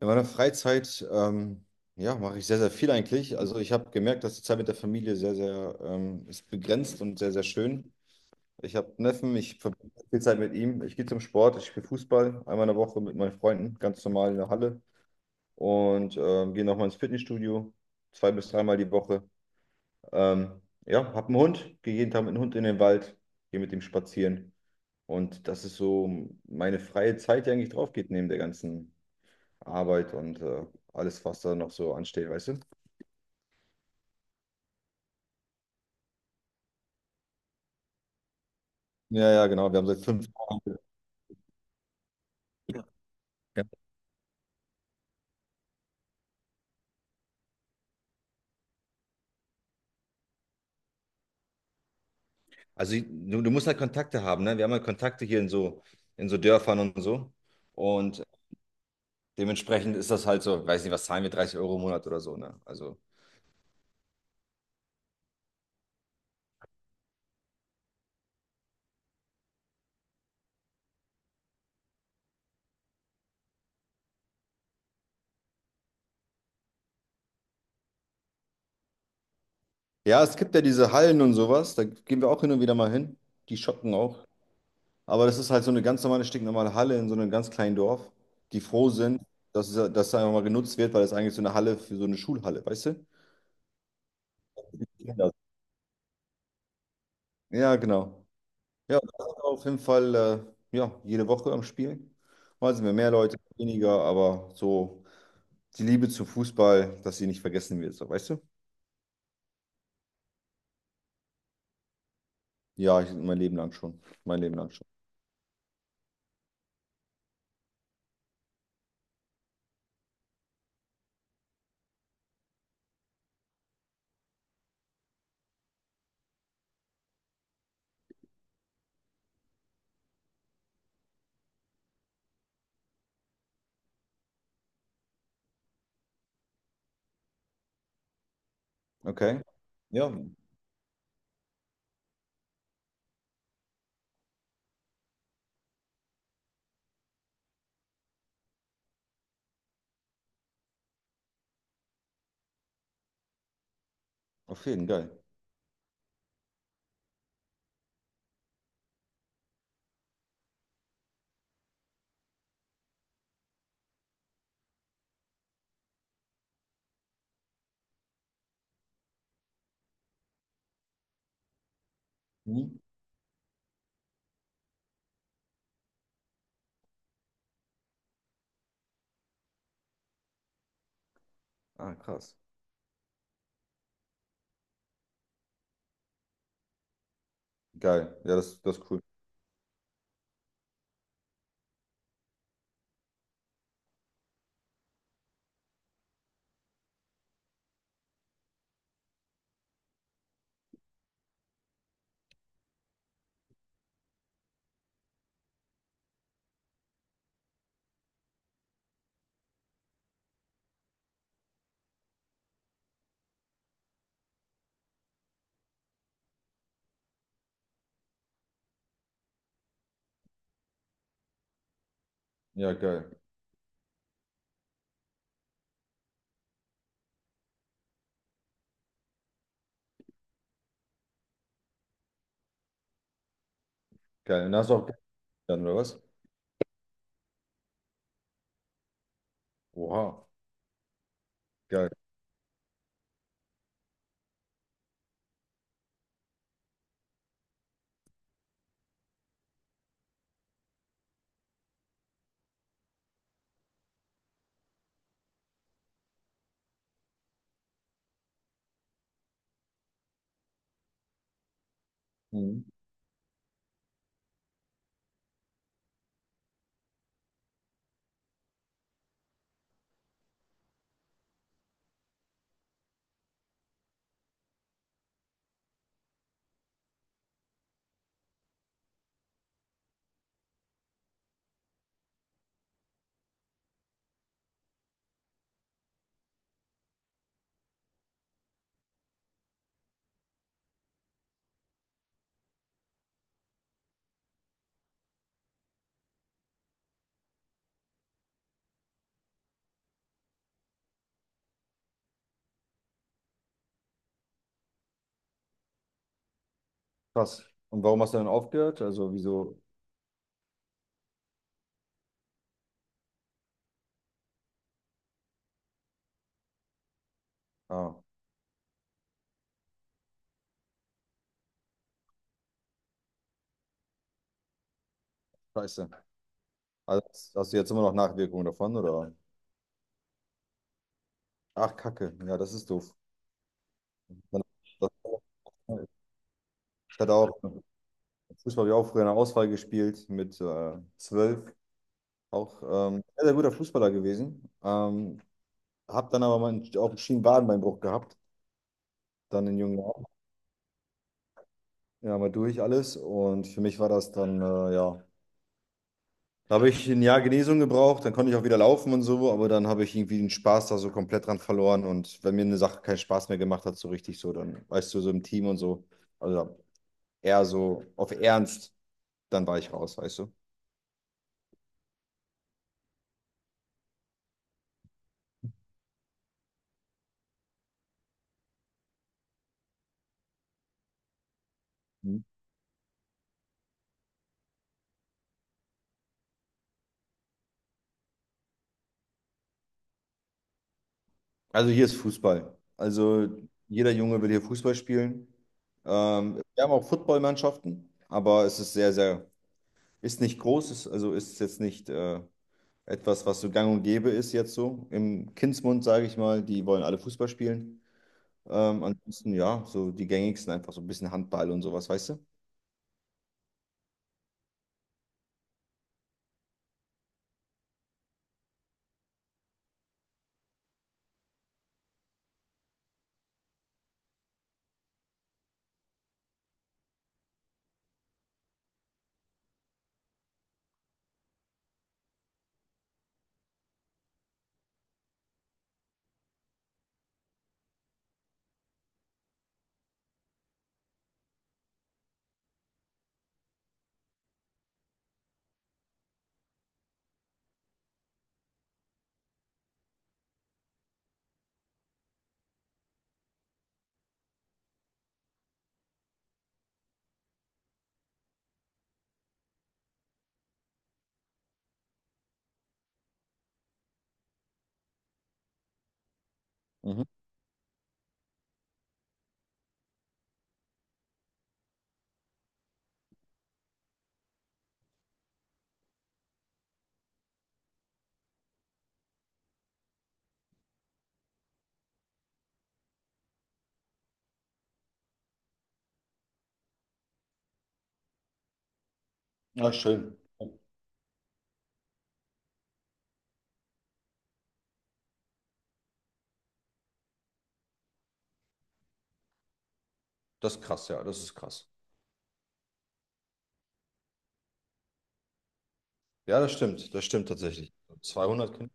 In meiner Freizeit, ja, mache ich sehr, sehr viel eigentlich. Also ich habe gemerkt, dass die Zeit mit der Familie sehr, sehr ist begrenzt und sehr, sehr schön. Ich habe einen Neffen, ich verbringe viel Zeit mit ihm. Ich gehe zum Sport, ich spiele Fußball einmal in der Woche mit meinen Freunden, ganz normal in der Halle. Und gehe nochmal ins Fitnessstudio, 2 bis 3 mal die Woche. Ähm, ja, habe einen Hund, gehe jeden Tag mit dem Hund in den Wald, gehe mit ihm spazieren. Und das ist so meine freie Zeit, die eigentlich drauf geht neben der ganzen Arbeit und alles, was da noch so ansteht, weißt du? Ja, ja, genau. Wir haben seit 5 Jahren. Ja. Also du musst halt Kontakte haben, ne? Wir haben halt Kontakte hier in so Dörfern und so. Und dementsprechend ist das halt so, weiß nicht, was zahlen wir, 30 Euro im Monat oder so, ne? Also, ja, es gibt ja diese Hallen und sowas. Da gehen wir auch hin und wieder mal hin. Die schocken auch. Aber das ist halt so eine ganz normale, stinknormale Halle in so einem ganz kleinen Dorf, die froh sind, dass es einfach mal genutzt wird, weil es eigentlich so eine Halle für so eine Schulhalle, weißt du? Ja, ja, genau. Ja, das ist auf jeden Fall ja, jede Woche am Spiel. Mal sind wir mehr Leute, weniger, aber so die Liebe zum Fußball, dass sie nicht vergessen wird, so, weißt du? Ja, ich, mein Leben lang schon. Mein Leben lang schon. Okay. Ja, auf jeden Fall, geil. Mhm. Ah, krass. Geil. Ja, das, das ist cool. Ja, geil. Geil. Und hast du auch dann, oder was? Oha, geil. Mhm. Krass. Und warum hast du dann aufgehört? Also, wieso? Ah, scheiße. Also, hast du jetzt immer noch Nachwirkungen davon, oder? Ach, Kacke. Ja, das ist doof. Man- das- ich hatte auch, Fußball habe ich auch früher in der Auswahl gespielt mit 12. Auch sehr, sehr guter Fußballer gewesen. Habe dann aber mal einen, auch einen Schienenwadenbeinbruch gehabt, dann in jungen Jahren. Ja, mal durch alles. Und für mich war das dann, ja, da habe ich 1 Jahr Genesung gebraucht, dann konnte ich auch wieder laufen und so, aber dann habe ich irgendwie den Spaß da so komplett dran verloren. Und wenn mir eine Sache keinen Spaß mehr gemacht hat, so richtig so, dann weißt du, so im Team und so, also eher so auf Ernst, dann war ich raus, weißt du. Mhm. Also hier ist Fußball. Also jeder Junge will hier Fußball spielen. Wir haben auch Footballmannschaften, aber es ist sehr, sehr, ist nicht groß, ist, also ist jetzt nicht etwas, was so gang und gäbe ist jetzt so. Im Kindsmund, sage ich mal, die wollen alle Fußball spielen. Ansonsten, ja, so die gängigsten einfach so ein bisschen Handball und sowas, weißt du? Mhm. Ja, schön. Das ist krass, ja, das ist krass. Ja, das stimmt tatsächlich. 200 Kinder.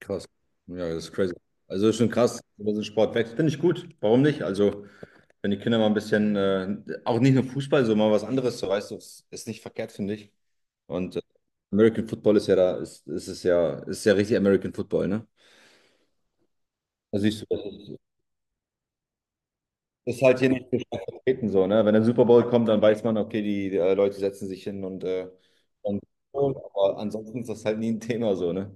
Krass. Ja, das ist crazy. Also das ist schon krass, dass so Sport wächst. Finde ich gut. Warum nicht? Also, wenn die Kinder mal ein bisschen, auch nicht nur Fußball, so mal was anderes, so weißt du, ist ist nicht verkehrt, finde ich. Und American Football ist ja da, ist es ja, ist ja richtig American Football, ne? Da siehst du, das ist halt hier nicht so stark vertreten, so, ne? Wenn der Super Bowl kommt, dann weiß man, okay, die, Leute setzen sich hin und aber ansonsten ist das halt nie ein Thema, so, ne?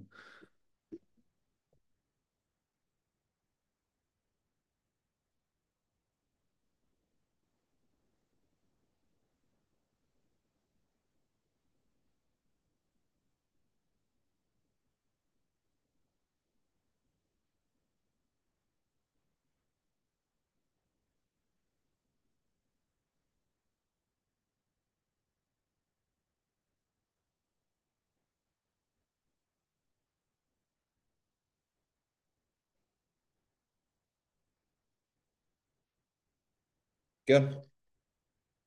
Ja,